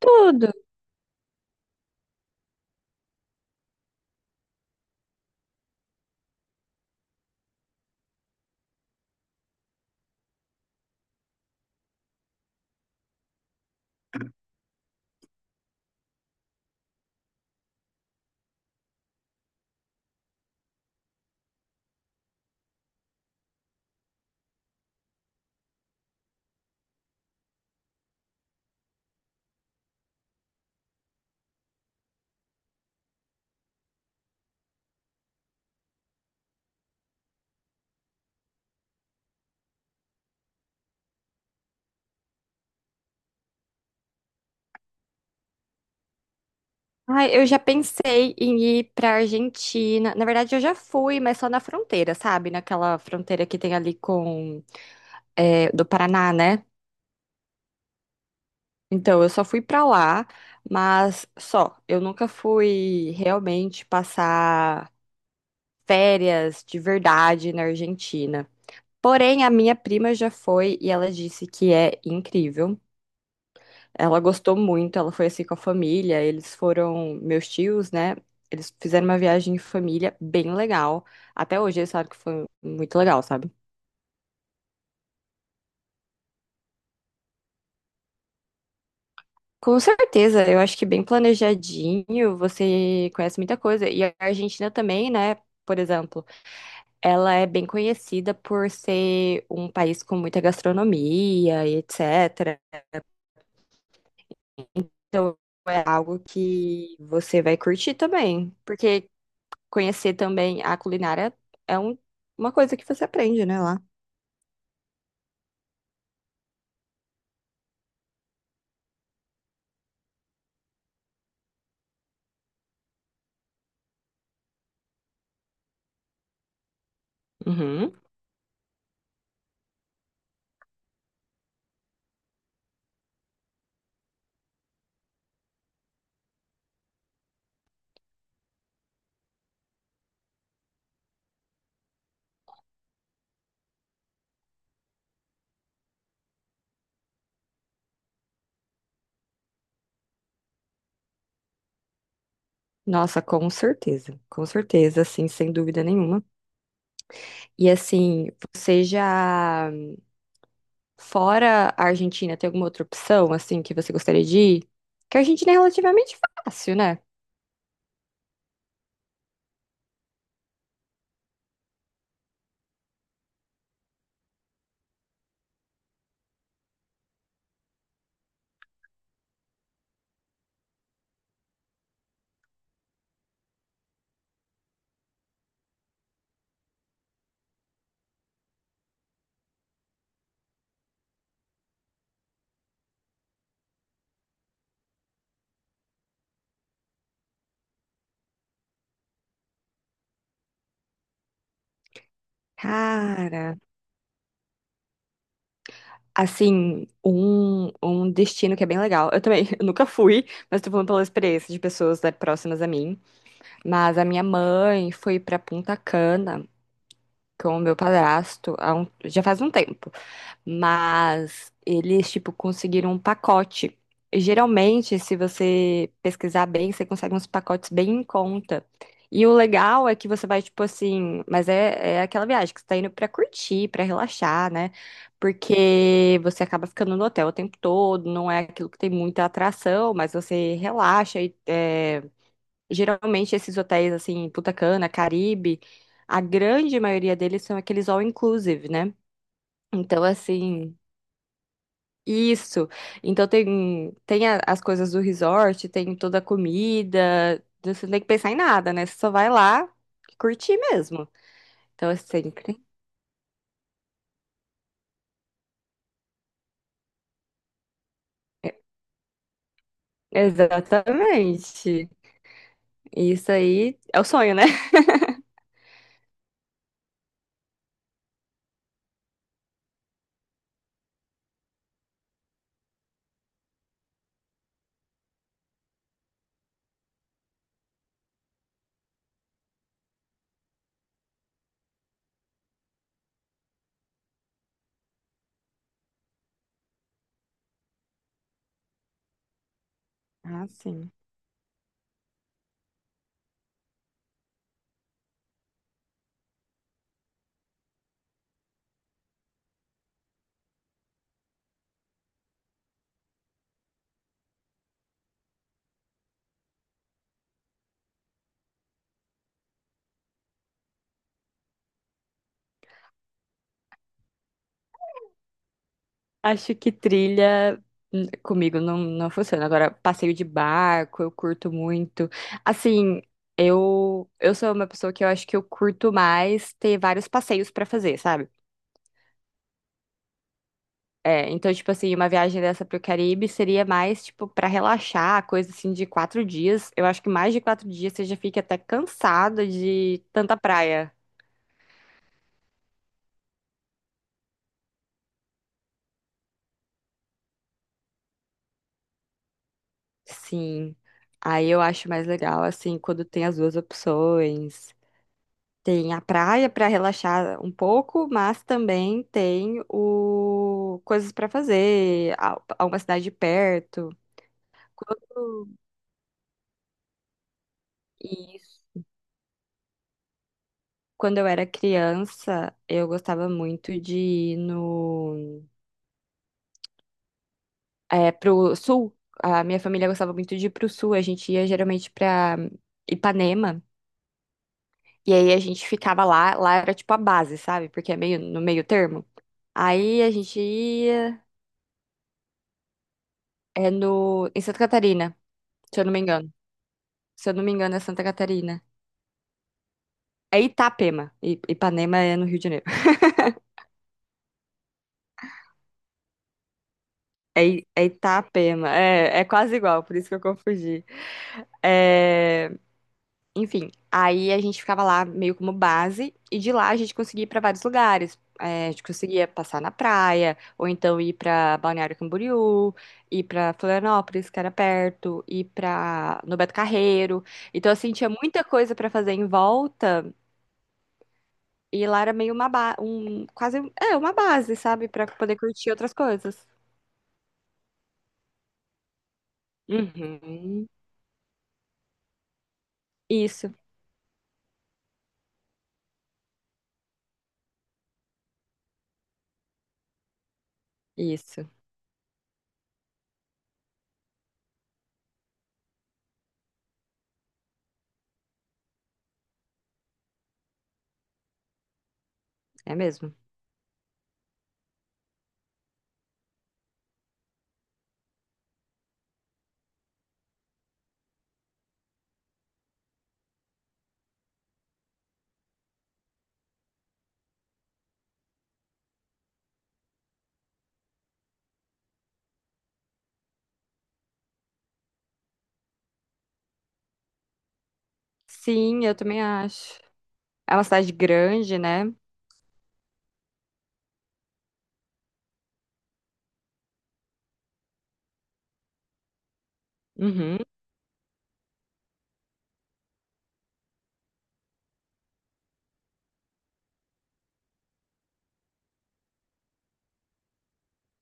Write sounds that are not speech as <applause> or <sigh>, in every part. Tudo. Ai, eu já pensei em ir pra Argentina. Na verdade, eu já fui, mas só na fronteira, sabe? Naquela fronteira que tem ali com do Paraná, né? Então, eu só fui pra lá, mas só. Eu nunca fui realmente passar férias de verdade na Argentina. Porém, a minha prima já foi e ela disse que é incrível. Ela gostou muito, ela foi assim com a família, eles foram, meus tios, né? Eles fizeram uma viagem em família bem legal. Até hoje eles sabem que foi muito legal, sabe? Com certeza, eu acho que bem planejadinho, você conhece muita coisa. E a Argentina também, né? Por exemplo, ela é bem conhecida por ser um país com muita gastronomia e etc. Então é algo que você vai curtir também. Porque, conhecer também a culinária é um- uma coisa que você aprende, né, lá. Uhum. Nossa, com certeza, assim, sem dúvida nenhuma. E assim, você já fora a Argentina, tem alguma outra opção, assim, que você gostaria de ir? Que a Argentina é relativamente fácil, né? Cara, assim, um destino que é bem legal. Eu também <laughs> eu nunca fui, mas tô falando pela experiência de pessoas, né, próximas a mim. Mas a minha mãe foi pra Punta Cana. Com o meu padrasto já faz um tempo, mas eles, tipo, conseguiram um pacote. E, geralmente, se você pesquisar bem, você consegue uns pacotes bem em conta. E o legal é que você vai, tipo assim, mas é aquela viagem que você tá indo pra curtir, pra relaxar, né? Porque você acaba ficando no hotel o tempo todo, não é aquilo que tem muita atração, mas você relaxa geralmente esses hotéis assim, Punta Cana, Caribe, a grande maioria deles são aqueles all inclusive, né? Então assim, isso. Então tem as coisas do resort, tem toda a comida. Então, você não tem que pensar em nada, né? Você só vai lá e curtir mesmo. Então assim, é sempre. Exatamente. Isso aí é o sonho, né? <laughs> Ah, sim. Acho que trilha comigo não, não funciona. Agora, passeio de barco, eu curto muito. Assim, eu sou uma pessoa que eu acho que eu curto mais ter vários passeios pra fazer, sabe? É, então, tipo assim, uma viagem dessa pro Caribe seria mais, tipo, pra relaxar, coisa assim de 4 dias. Eu acho que mais de 4 dias você já fica até cansado de tanta praia. Sim. Aí eu acho mais legal, assim, quando tem as duas opções. Tem a praia para relaxar um pouco, mas também tem o coisas para fazer, a uma cidade perto. Quando isso, quando eu era criança, eu gostava muito de ir no pro sul. A minha família gostava muito de ir pro sul. A gente ia geralmente para Ipanema e aí a gente ficava lá. Lá era tipo a base, sabe? Porque é meio no meio termo. Aí a gente ia em Santa Catarina, se eu não me engano. Se eu não me engano, é Santa Catarina. É Itapema. Ipanema é no Rio de Janeiro. <laughs> É Itapema. É quase igual, por isso que eu confundi. É, Enfim, aí a gente ficava lá meio como base, e de lá a gente conseguia ir para vários lugares. É, a gente conseguia passar na praia, ou então ir para Balneário Camboriú, ir para Florianópolis, que era perto, ir para no Beto Carreiro. Então, assim, tinha muita coisa para fazer em volta. E lá era meio uma ba quase, uma base, sabe? Pra poder curtir outras coisas. Uhum. Isso, isso. É mesmo. Sim, eu também acho. É uma cidade grande, né? Uhum.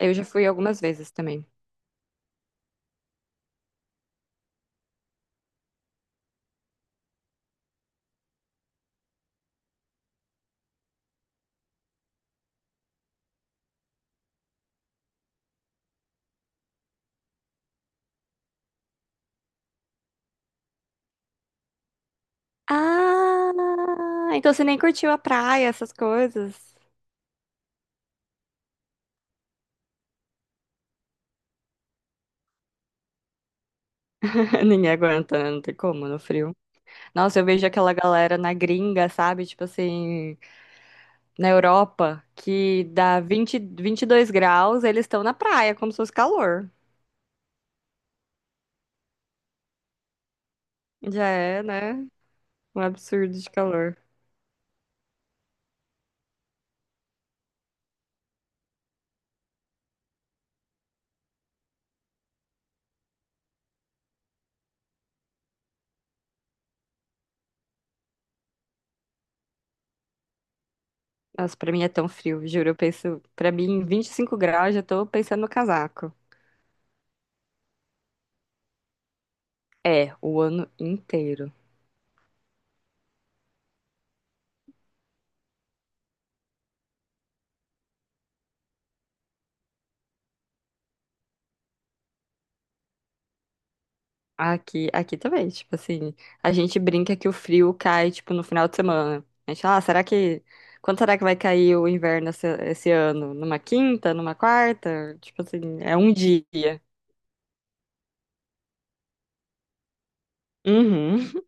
Eu já fui algumas vezes também. Ah, então você nem curtiu a praia, essas coisas. <laughs> Ninguém aguenta, né? Não tem como, no frio. Nossa, eu vejo aquela galera na gringa, sabe? Tipo assim, na Europa, que dá 22 graus, eles estão na praia, como se fosse calor. Já é, né? Um absurdo de calor. Nossa, pra mim é tão frio, juro. Eu penso, pra mim, 25 graus, já tô pensando no casaco. É, o ano inteiro. Aqui também, tipo assim, a gente brinca que o frio cai, tipo, no final de semana. A gente fala, ah, quando será que vai cair o inverno esse ano? Numa quinta, numa quarta? Tipo assim, é um dia. Uhum.